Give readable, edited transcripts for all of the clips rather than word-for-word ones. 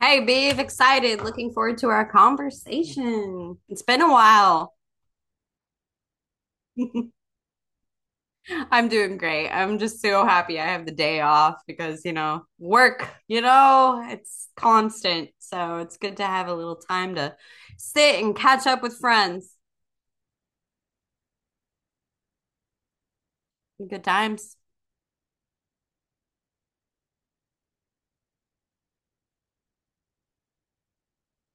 Hey, Bev! Excited. Looking forward to our conversation. It's been a while. I'm doing great. I'm just so happy I have the day off because, work, it's constant. So it's good to have a little time to sit and catch up with friends. Good times.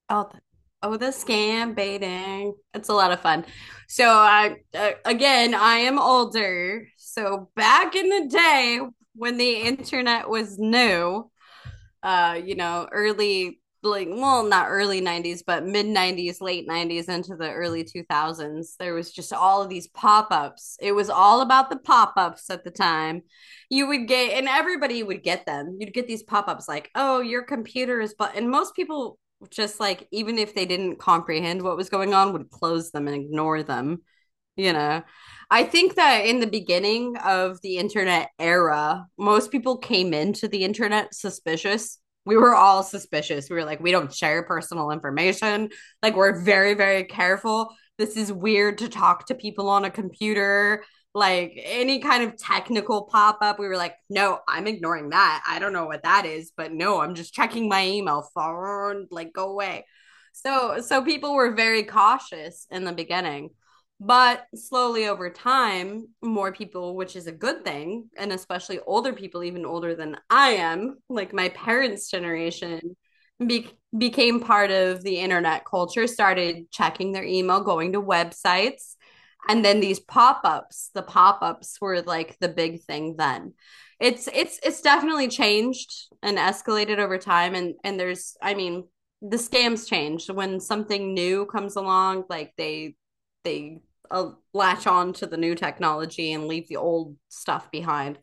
Oh, the, oh, the scam baiting. It's a lot of fun. So I, again, I am older. So back in the day when the internet was new, early like, well, not early 90s but mid 90s, late 90s into the early 2000s. There was just all of these pop-ups. It was all about the pop-ups at the time, you would get, and everybody would get them. You'd get these pop-ups like, oh, your computer is, but, and most people, just, like, even if they didn't comprehend what was going on, would close them and ignore them you know I think that in the beginning of the internet era, most people came into the internet suspicious. We were all suspicious. We were like, we don't share personal information, like, we're very very careful. This is weird to talk to people on a computer. Like, any kind of technical pop up, we were like, no, I'm ignoring that, I don't know what that is, but no, I'm just checking my email, phone, like, go away. So people were very cautious in the beginning. But slowly over time, more people, which is a good thing, and especially older people, even older than I am, like my parents' generation, be- became part of the internet culture, started checking their email, going to websites. And then these pop-ups, the pop-ups were like the big thing then. It's definitely changed and escalated over time, and there's, I mean, the scams changed when something new comes along, like they latch on to the new technology and leave the old stuff behind.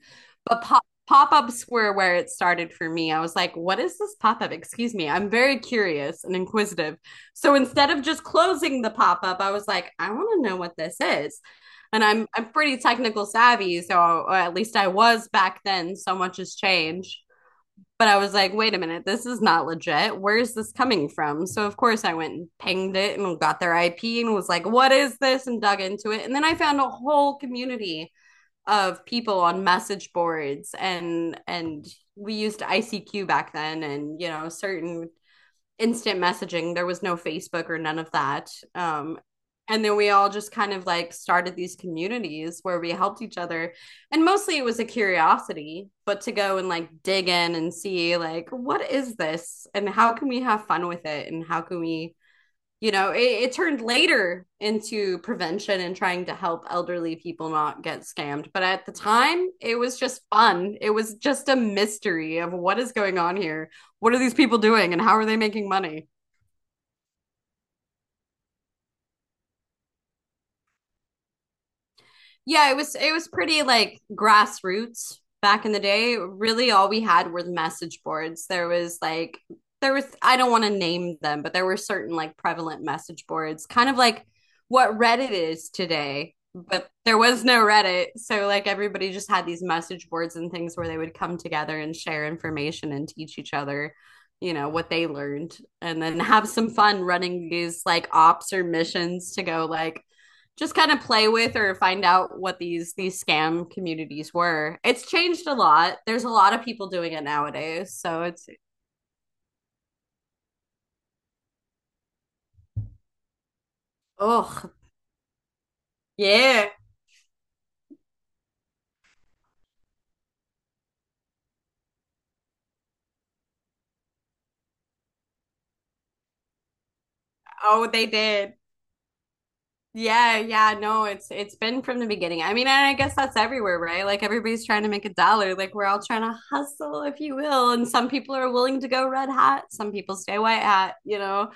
But pop ups were where it started for me. I was like, what is this pop up? Excuse me, I'm very curious and inquisitive. So instead of just closing the pop up, I was like, I want to know what this is. And I'm pretty technical savvy, so at least I was back then. So much has changed. But I was like, wait a minute, this is not legit. Where's this coming from? So, of course, I went and pinged it and got their IP and was like, what is this? And dug into it. And then I found a whole community of people on message boards, and we used ICQ back then, and certain instant messaging. There was no Facebook or none of that. And then we all just kind of like started these communities where we helped each other. And mostly it was a curiosity, but to go and like dig in and see, like, what is this? And how can we have fun with it? And how can we, it turned later into prevention and trying to help elderly people not get scammed. But at the time, it was just fun. It was just a mystery of what is going on here. What are these people doing, and how are they making money? Yeah, it was pretty like grassroots back in the day. Really, all we had were the message boards. There was, I don't want to name them, but there were certain like prevalent message boards, kind of like what Reddit is today, but there was no Reddit. So like everybody just had these message boards and things where they would come together and share information and teach each other, what they learned, and then have some fun running these like ops or missions to go like just kind of play with or find out what these scam communities were. It's changed a lot. There's a lot of people doing it nowadays. So it's, oh yeah. Oh, they did. Yeah, yeah, no, it's been from the beginning. I mean, and I guess that's everywhere, right? Like, everybody's trying to make a dollar. Like, we're all trying to hustle, if you will. And some people are willing to go red hat, some people stay white hat.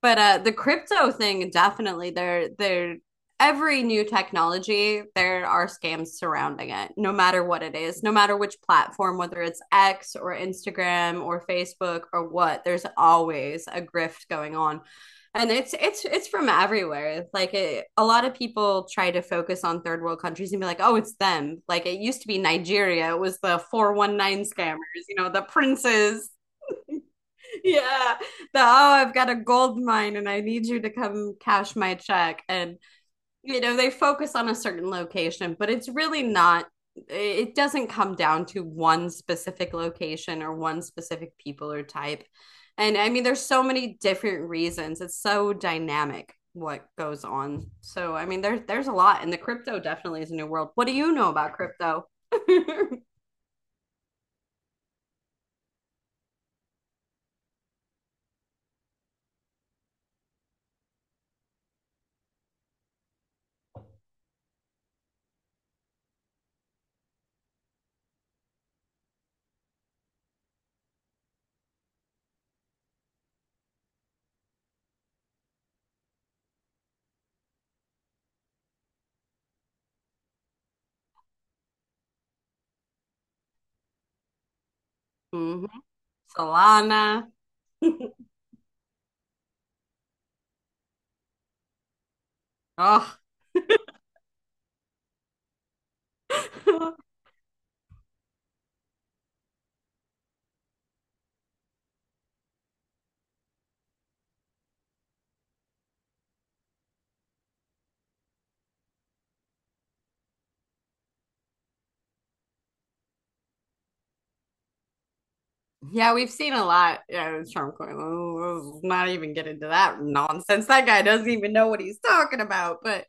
But the crypto thing, definitely, every new technology, there are scams surrounding it, no matter what it is, no matter which platform, whether it's X or Instagram or Facebook or what. There's always a grift going on. And it's from everywhere. Like, a lot of people try to focus on third world countries and be like, "Oh, it's them." Like, it used to be Nigeria. It was the 419 scammers, the princes, yeah. Oh, I've got a gold mine and I need you to come cash my check. And, they focus on a certain location, but it's really not, it doesn't come down to one specific location or one specific people or type. And I mean, there's so many different reasons. It's so dynamic what goes on. So, I mean, there's a lot, and the crypto definitely is a new world. What do you know about crypto? Mhm. Solana. Oh. Yeah, we've seen a lot. Yeah, it's Trump going, "Oh, not even get into that nonsense. That guy doesn't even know what he's talking about." But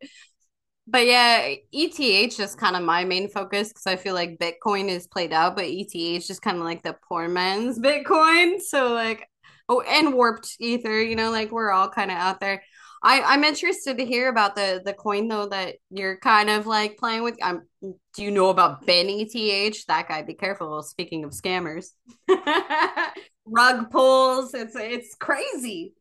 but yeah, ETH is kind of my main focus because I feel like Bitcoin is played out, but ETH is just kind of like the poor man's Bitcoin. So like, oh, and warped ether, like we're all kind of out there. I'm interested to hear about the coin though that you're kind of like playing with. Do you know about Ben ETH? That guy, be careful. Well, speaking of scammers, rug pulls. It's crazy.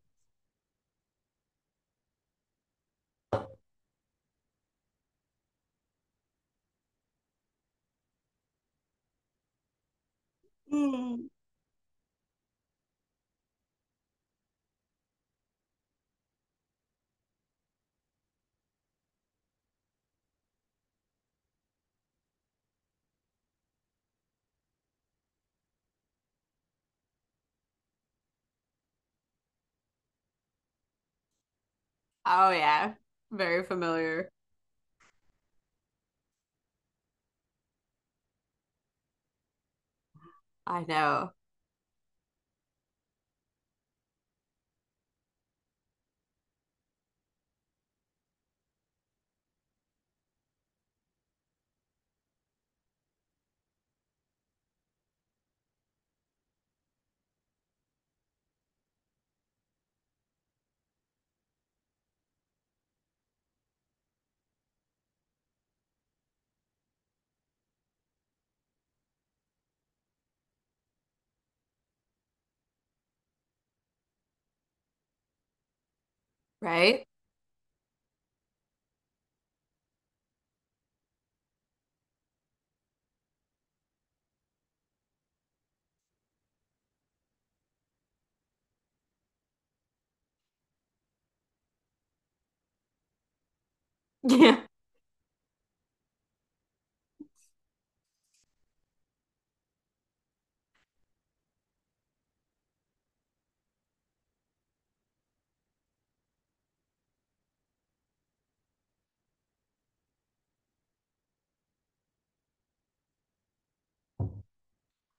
Mm. Oh yeah, very familiar. I know, right? Yeah.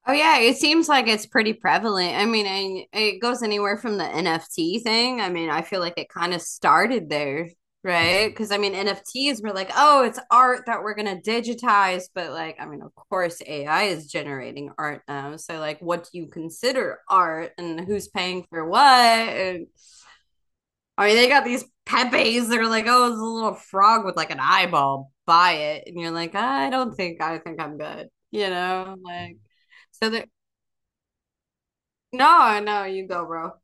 Oh yeah, it seems like it's pretty prevalent. I mean, it goes anywhere from the NFT thing. I mean, I feel like it kind of started there, right? Because, I mean, NFTs were like, oh, it's art that we're gonna digitize, but, like, I mean, of course, AI is generating art now. So like, what do you consider art, and who's paying for what? And, I mean, they got these Pepes that are like, oh, it's a little frog with like an eyeball. Buy it, and you're like, I don't think. I think I'm good. You know, like. So there. No, no, you go, bro.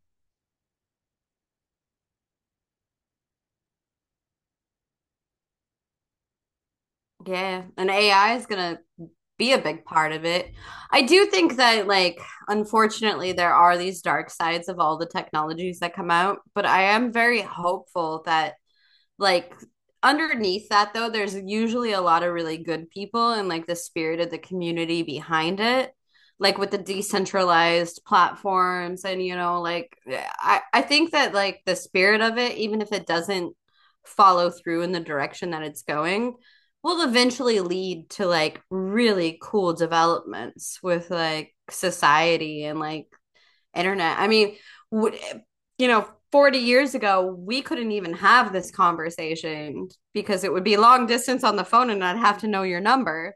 Yeah, and AI is gonna be a big part of it. I do think that, like, unfortunately, there are these dark sides of all the technologies that come out, but I am very hopeful that, like, underneath that, though, there's usually a lot of really good people, and like the spirit of the community behind it, like with the decentralized platforms, and like I think that like the spirit of it, even if it doesn't follow through in the direction that it's going, will eventually lead to like really cool developments with, like, society and like internet. I mean, w- 40 years ago, we couldn't even have this conversation because it would be long distance on the phone and I'd have to know your number,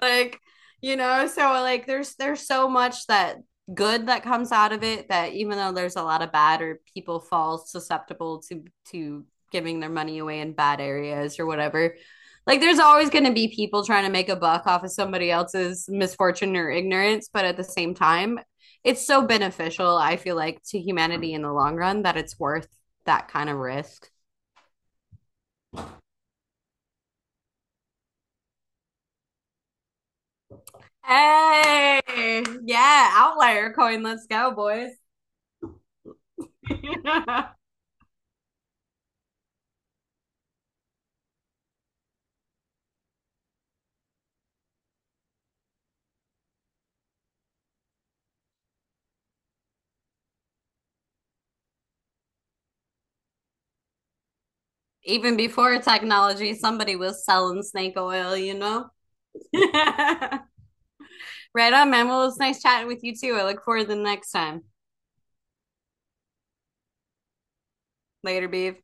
like, so, like, there's so much that good that comes out of it, that even though there's a lot of bad, or people fall susceptible to to giving their money away in bad areas or whatever, like, there's always going to be people trying to make a buck off of somebody else's misfortune or ignorance, but at the same time, it's so beneficial, I feel like, to humanity in the long run, that it's worth that kind of risk. Hey, yeah, outlier coin, let's go, boys. Even before technology, somebody was selling snake oil, you know? Right on, man. Well, it's nice chatting with you too. I look forward to the next time. Later, Beav.